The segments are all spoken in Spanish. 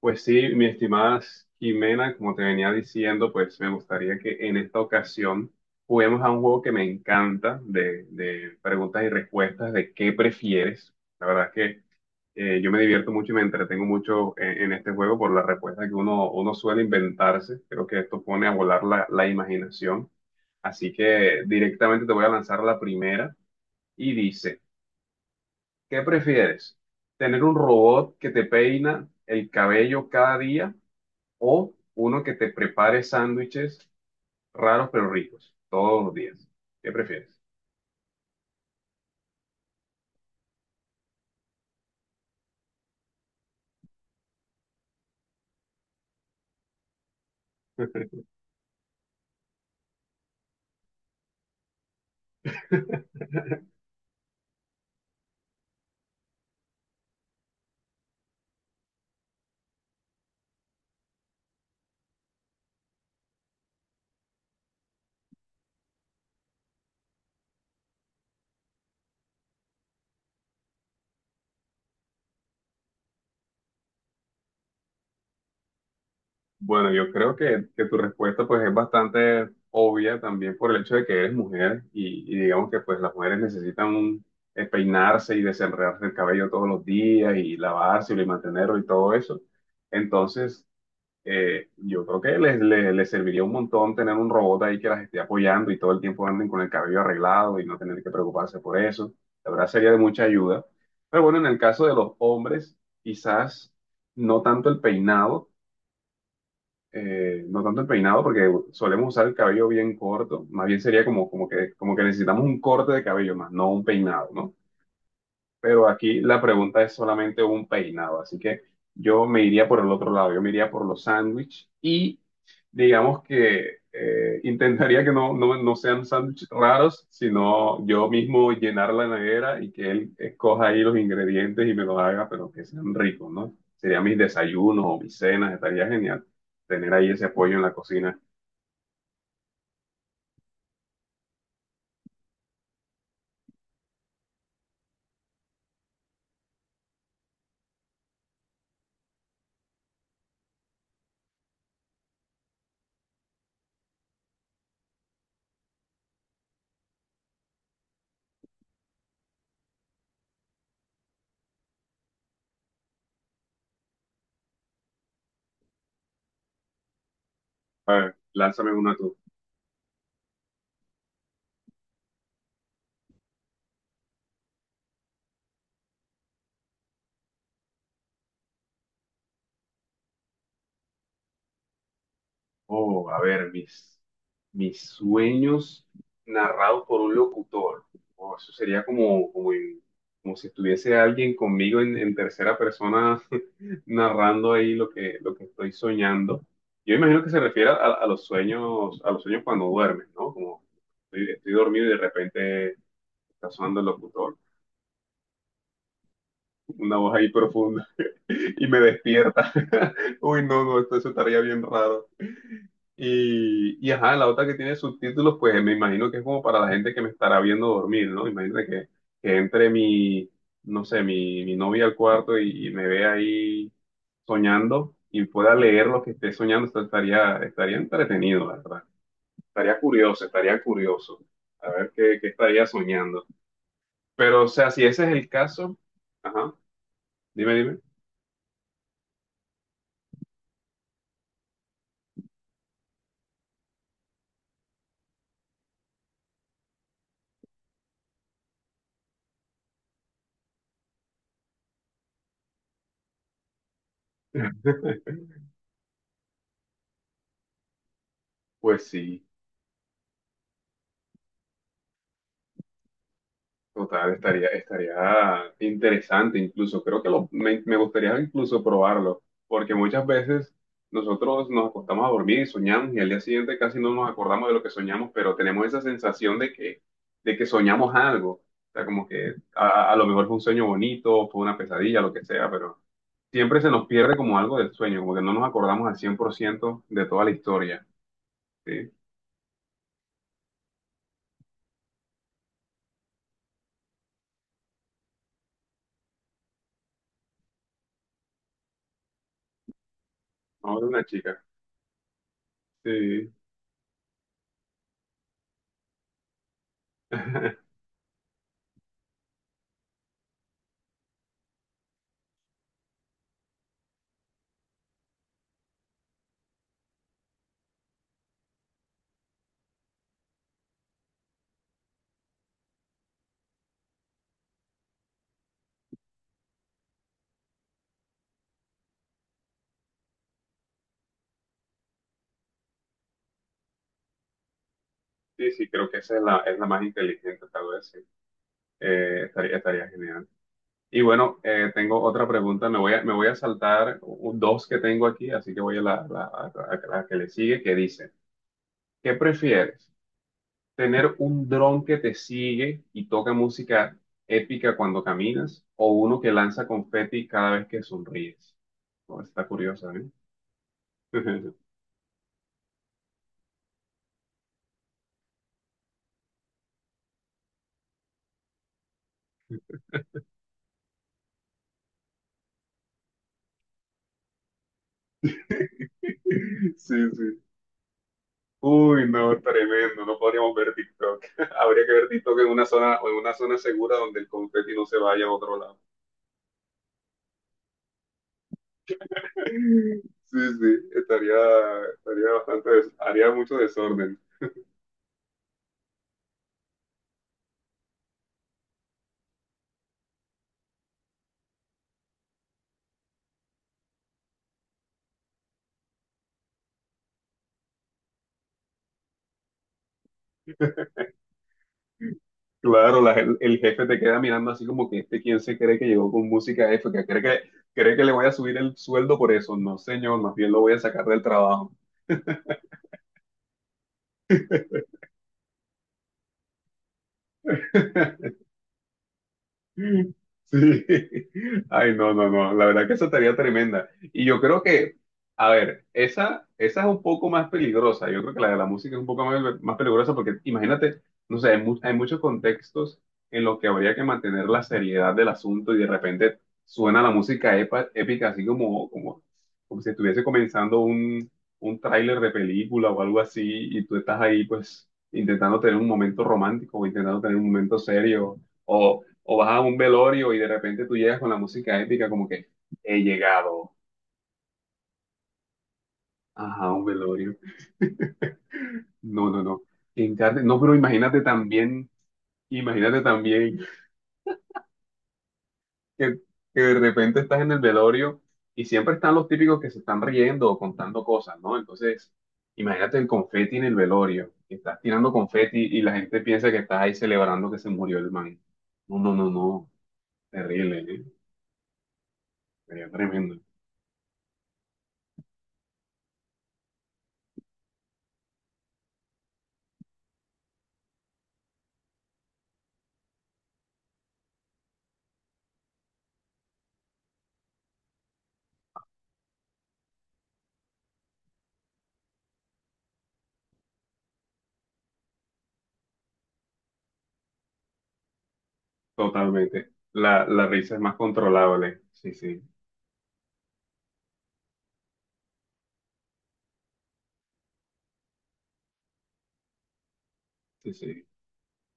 Pues sí, mi estimada Jimena, como te venía diciendo, pues me gustaría que en esta ocasión juguemos a un juego que me encanta de preguntas y respuestas de qué prefieres. La verdad es que yo me divierto mucho y me entretengo mucho en este juego por las respuestas que uno suele inventarse. Creo que esto pone a volar la imaginación. Así que directamente te voy a lanzar la primera y dice, ¿qué prefieres? ¿Tener un robot que te peina el cabello cada día, o uno que te prepare sándwiches raros pero ricos todos los días? ¿Qué prefieres? Bueno, yo creo que tu respuesta pues es bastante obvia también por el hecho de que eres mujer y digamos que pues las mujeres necesitan peinarse y desenredarse el cabello todos los días y lavárselo y mantenerlo y todo eso. Entonces, yo creo que les serviría un montón tener un robot ahí que las esté apoyando y todo el tiempo anden con el cabello arreglado y no tener que preocuparse por eso. La verdad sería de mucha ayuda. Pero bueno, en el caso de los hombres, quizás no tanto el peinado, no tanto el peinado porque solemos usar el cabello bien corto. Más bien sería como que necesitamos un corte de cabello más, no un peinado, ¿no? Pero aquí la pregunta es solamente un peinado, así que yo me iría por el otro lado, yo me iría por los sándwiches y digamos que intentaría que no sean sándwiches raros, sino yo mismo llenar la nevera y que él escoja ahí los ingredientes y me los haga, pero que sean ricos, ¿no? Serían mis desayunos o mis cenas, estaría genial tener ahí ese apoyo en la cocina. Lánzame una tú. Oh, a ver, mis sueños narrados por un locutor. Oh, eso sería como si estuviese alguien conmigo en tercera persona narrando ahí lo que estoy soñando. Yo imagino que se refiere a los sueños, a los sueños, cuando duermes, ¿no? Como estoy dormido y de repente está sonando el locutor, una voz ahí profunda y me despierta. Uy, no, no, eso estaría bien raro. Y ajá, la otra que tiene subtítulos, pues me imagino que es como para la gente que me estará viendo dormir, ¿no? Imagínate que entre mi, no sé, mi novia al cuarto y me ve ahí soñando y pueda leer lo que esté soñando, esto estaría entretenido, la verdad. Estaría curioso, estaría curioso. A ver qué estaría soñando. Pero, o sea, si ese es el caso, ajá, dime, dime. Pues sí. Total, estaría interesante incluso. Creo que me gustaría incluso probarlo, porque muchas veces nosotros nos acostamos a dormir y soñamos y al día siguiente casi no nos acordamos de lo que soñamos, pero tenemos esa sensación de que, soñamos algo. O sea, como que a lo mejor fue un sueño bonito, fue una pesadilla, lo que sea, pero siempre se nos pierde como algo del sueño, como que no nos acordamos al 100% de toda la historia. Sí, vamos de una chica. Sí, sí, sí, creo que esa es la más inteligente, tal vez. Sí. Estaría, genial. Y bueno, tengo otra pregunta. Me voy a saltar dos que tengo aquí, así que voy a la que le sigue, que dice, ¿qué prefieres? ¿Tener un dron que te sigue y toca música épica cuando caminas, o uno que lanza confeti cada vez que sonríes? Oh, está curiosa, ¿eh? Sí, sí. Uy, no, tremendo. No podríamos ver TikTok. Habría que ver TikTok en una zona segura donde el confeti no se vaya a otro lado. Sí, sí, estaría, haría mucho desorden. Claro, el jefe te queda mirando así como que este quién se cree que llegó con que cree que le voy a subir el sueldo por eso. No, señor, más bien lo voy a sacar del trabajo. Sí. Ay, no, no, no. La verdad que esa tarea tremenda. Y yo creo que, a ver, esa es un poco más peligrosa. Yo creo que la de la música es un poco más, más peligrosa porque imagínate, no sé, hay muchos contextos en los que habría que mantener la seriedad del asunto y de repente suena la música épica así como, como si estuviese comenzando un tráiler de película o algo así y tú estás ahí pues intentando tener un momento romántico o intentando tener un momento serio. O vas a un velorio y de repente tú llegas con la música épica como que he llegado. Ajá, un velorio. No, no, no. No, pero imagínate también, imagínate también que, que de repente estás en el velorio y siempre están los típicos que se están riendo o contando cosas, ¿no? Entonces, imagínate el confeti en el velorio, que estás tirando confeti y la gente piensa que estás ahí celebrando que se murió el man. No, no, no, no. Terrible, ¿eh? Sería tremendo. Totalmente. La risa es más controlable. Sí, sí. Sí, sí.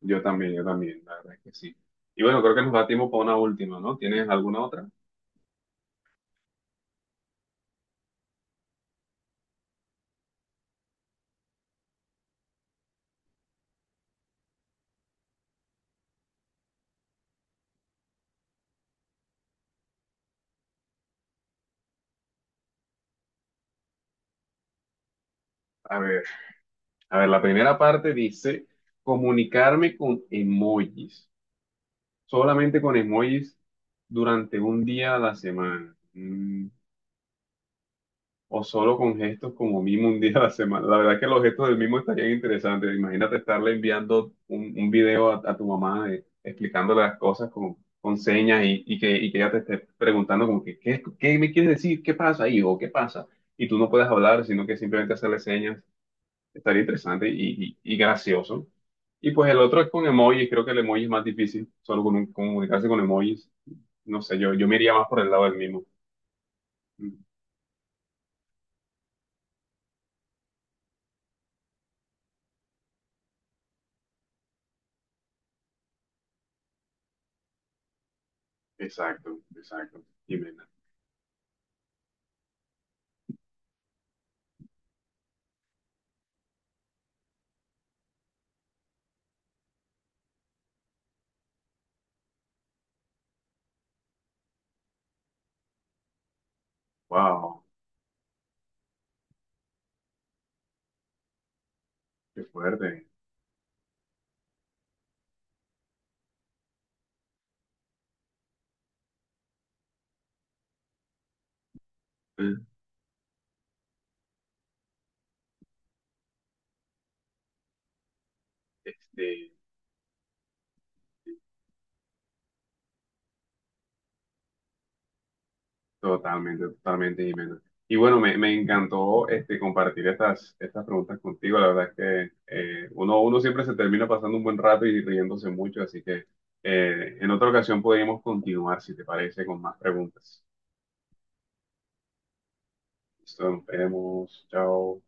Yo también, la verdad es que sí. Y bueno, creo que nos da tiempo para una última, ¿no? ¿Tienes alguna otra? A ver, a ver, la primera parte dice comunicarme con emojis, solamente con emojis durante un día a la semana. Mm, o solo con gestos como mimo un día a la semana. La verdad es que los gestos del mimo estarían interesantes. Imagínate estarle enviando un video a tu mamá de- explicándole las cosas con señas y que ella te esté preguntando como que, ¿qué me quieres decir? ¿Qué pasa, hijo? ¿Qué pasa? Y tú no puedes hablar, sino que simplemente hacerle señas. Estaría interesante y gracioso. Y pues el otro es con emojis. Creo que el emoji es más difícil, solo comunicarse con emojis. No sé, yo me iría más por el lado del mimo. Mm. Exacto, exacto. Dime. Wow, qué fuerte. Este, Totalmente, totalmente, Jimena. Y bueno, me encantó compartir estas preguntas contigo. La verdad es que uno siempre se termina pasando un buen rato y riéndose mucho, así que en otra ocasión podríamos continuar, si te parece, con más preguntas. Listo, nos vemos. Chao.